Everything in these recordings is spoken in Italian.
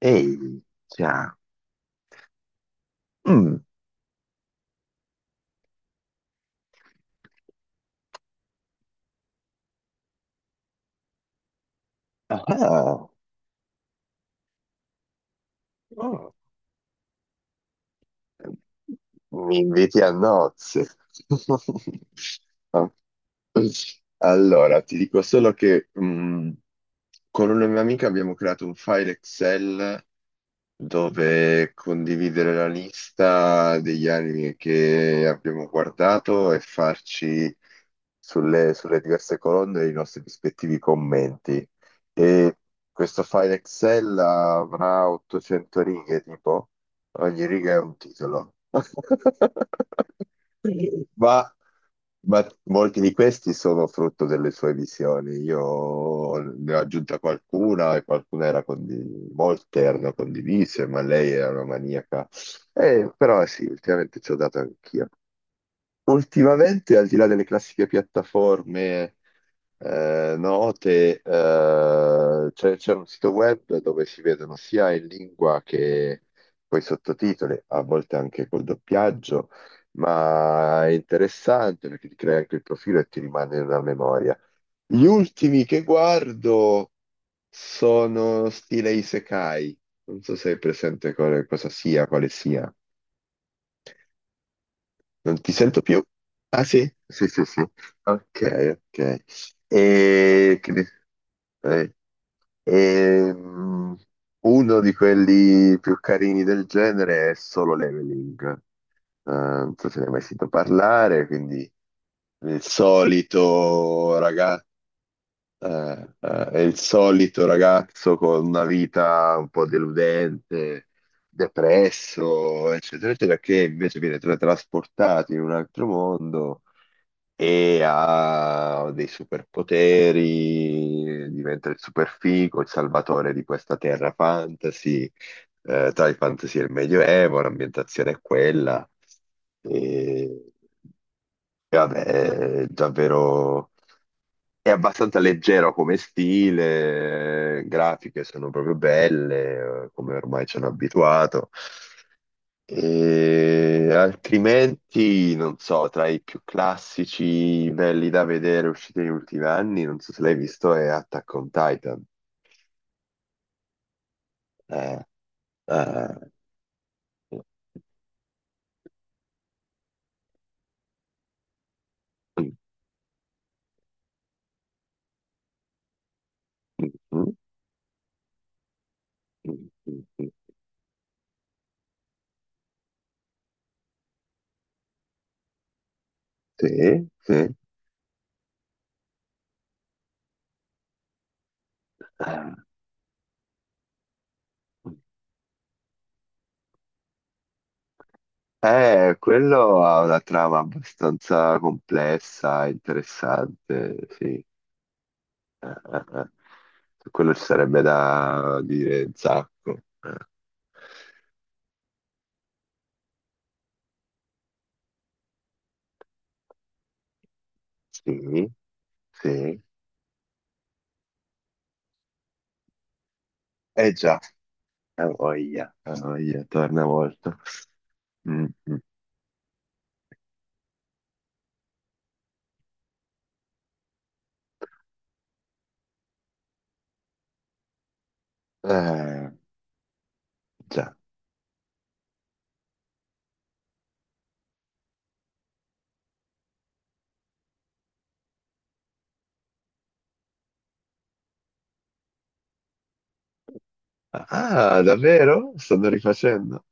Ehi, cioè, mm, ah, oh, mi inviti a nozze. Allora, ti dico solo che con una mia amica abbiamo creato un file Excel dove condividere la lista degli anime che abbiamo guardato e farci sulle diverse colonne i nostri rispettivi commenti. E questo file Excel avrà 800 righe, tipo ogni riga è un titolo. Ma, ma molti di questi sono frutto delle sue visioni. Io ne ho aggiunta qualcuna e qualcuna era molte erano condivise, ma lei era una maniaca. Però sì, ultimamente ci ho dato anch'io. Ultimamente, al di là delle classiche piattaforme note, c'è un sito web dove si vedono sia in lingua che poi sottotitoli, a volte anche col doppiaggio, ma è interessante perché ti crea anche il profilo e ti rimane una memoria. Gli ultimi che guardo sono stile Isekai, non so se hai presente cosa sia, quale sia. Non ti sento più? Ah sì? Sì, sì, sì. Ok, ok. E, che di- eh, ehm, Uno di quelli più carini del genere è Solo Leveling. Non so se ne hai mai sentito parlare, quindi il solito ragazzo, è il solito ragazzo con una vita un po' deludente, depresso, eccetera, eccetera, che invece viene trasportato in un altro mondo e ha dei superpoteri, diventa il superfigo, il salvatore di questa terra fantasy, tra il fantasy e il medioevo, l'ambientazione è quella. E, e vabbè, è abbastanza leggero come stile, grafiche sono proprio belle, come ormai ci hanno abituato. E altrimenti, non so, tra i più classici belli da vedere usciti negli ultimi anni, non so se l'hai visto, è Attack on Titan. Eh, eh, Sì, sì. Quello ha una trama abbastanza complessa, interessante, sì. Eh, eh. Su quello ci sarebbe da dire un sacco. Sì, sì. Eh già, ha voglia, torna molto. Mm, mm. Eh, già. Ah, davvero? Stanno rifacendo?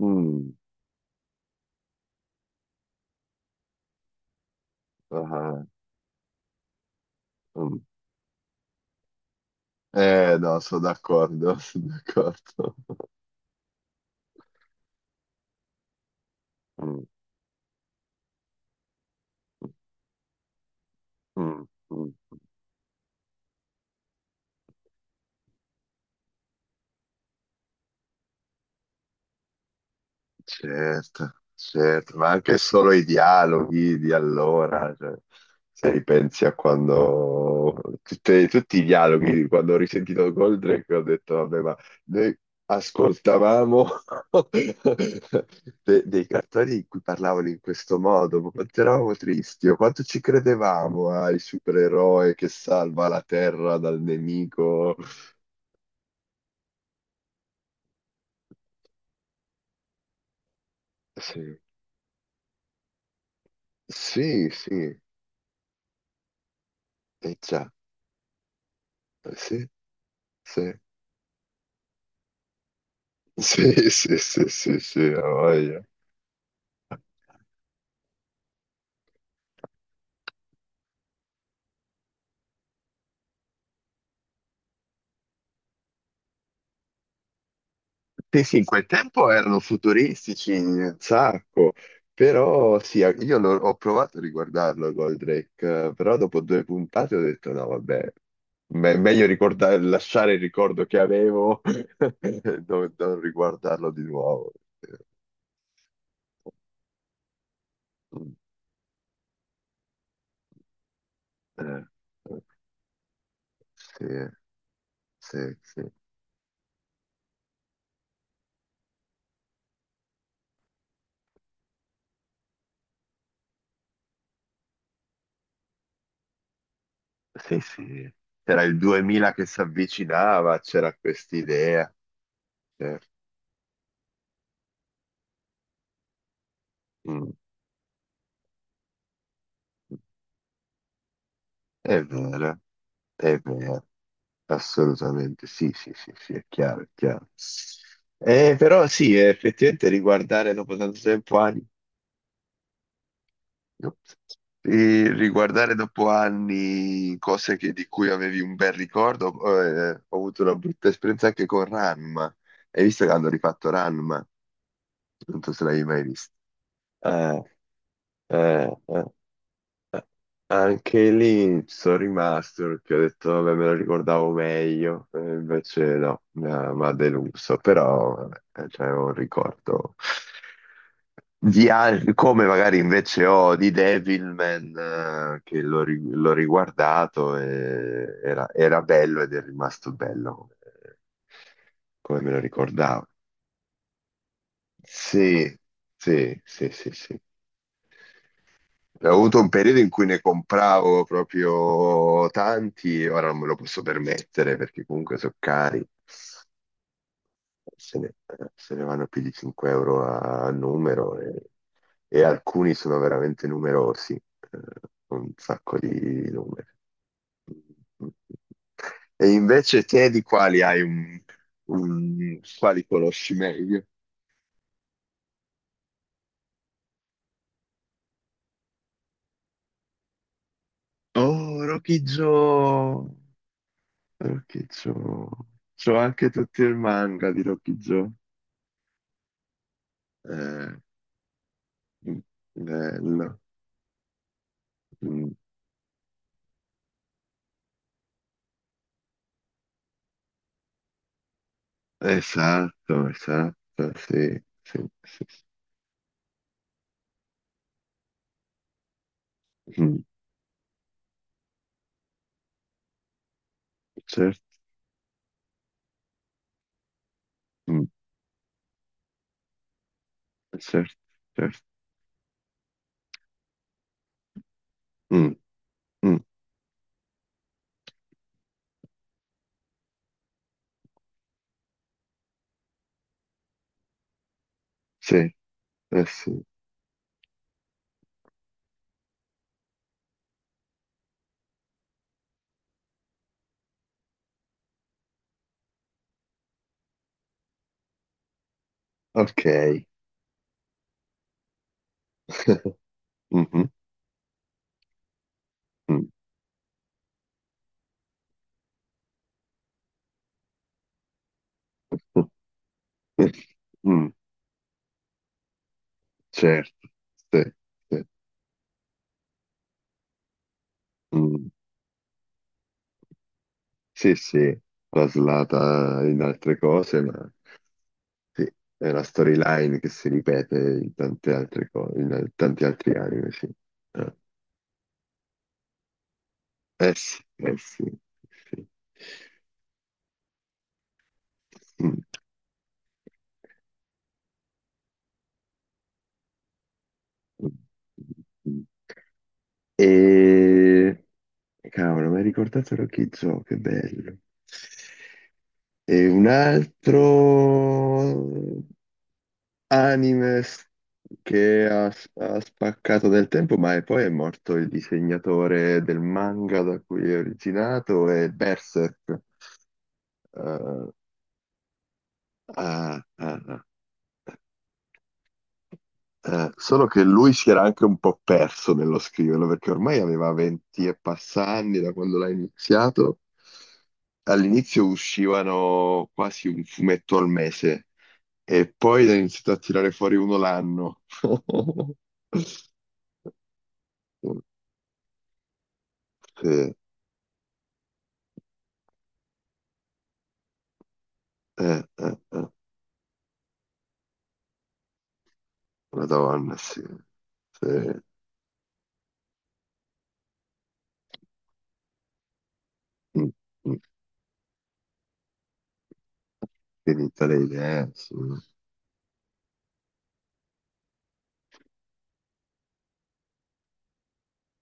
Mm, ah, mm. Eh no, sono d'accordo, sono d'accordo. Mm, mm, mm. Certo, certo, ma anche solo i dialoghi di allora, cioè, se ripensi a quando tutti i dialoghi, quando ho risentito Goldrake ho detto, vabbè, ma noi ascoltavamo dei cartoni in cui parlavano in questo modo, ma quanto eravamo tristi, o quanto ci credevamo al supereroe che salva la Terra dal nemico. Sì, sì, sì, e già, sì, sì. Sì, sì, sì, sì, sì, ha voglia. Sì, sì, in quel tempo erano futuristici un sacco, però sì, io ho provato a riguardarlo Goldrake, però dopo due puntate ho detto no, vabbè, meglio lasciare il ricordo che avevo, e non riguardarlo di nuovo. Eh, eh, sì, sì, sì, sì, sì. C'era il 2000 che si avvicinava, c'era quest'idea. Certo. Mm. È vero, è vero, assolutamente, sì, sì, sì, sì, è chiaro, è chiaro. Però sì, effettivamente riguardare dopo tanto tempo anni, ops, riguardare dopo anni cose di cui avevi un bel ricordo, ho avuto una brutta esperienza anche con Ranma. Hai visto che hanno rifatto Ranma? Non so se l'hai mai visto. Eh, eh. Anche lì ci sono rimasto perché ho detto, vabbè, me lo ricordavo meglio, e invece no, mi ha deluso, però vabbè, cioè, è un ricordo di come magari invece ho di Devilman, che l'ho riguardato e era bello ed è rimasto bello come, come me lo ricordavo. Sì, sì, sì, sì, sì. Ho avuto un periodo in cui ne compravo proprio tanti, ora non me lo posso permettere perché comunque sono cari, se ne, se ne vanno più di €5 a numero e alcuni sono veramente numerosi, un sacco di numeri. E invece te di quali hai quali conosci meglio? Oh, Rocky Joe! Rocky Joe. C'ho anche tutto il manga di Rocky Joe. Eh, bello. Mm, esatto, esatto, sì, sì. Mm, certo, mm, certo, certo. Mm, mm, sì, eh sì. Ok. Mhm, mm. Mm, certo, sì, sì. Mm, sì, sì, traslata in altre cose, ma sì, è una storyline che si ripete in tante altre cose, in tanti altri anime, sì. Eh, eh sì, eh sì, sì. Mm. E... Cavolo, mi hai ricordato Rokizo, che bello. E un altro... anime che ha spaccato del tempo, ma poi è morto il disegnatore del manga da cui è originato, è Berserk. Eh, ah, ah, ah. Solo che lui si era anche un po' perso nello scriverlo, perché ormai aveva 20 e passa anni da quando l'ha iniziato. All'inizio uscivano quasi un fumetto al mese e poi ne ha iniziato a tirare fuori uno l'anno. Sì. Eh, eh. Madonna, sì. Sì. Mm, mm. Finita le idee, sì.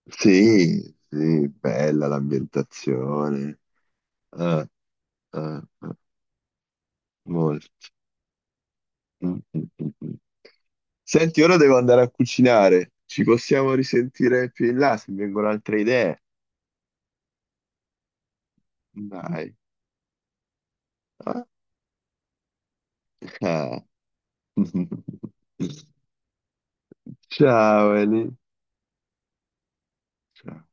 Sì, sì, bella l'ambientazione. Eh, eh, eh, molto. Mm, mm, mm, mm. Senti, ora devo andare a cucinare. Ci possiamo risentire più in là se mi vengono altre idee. Dai. Ah. Ciao, Eli. Ciao.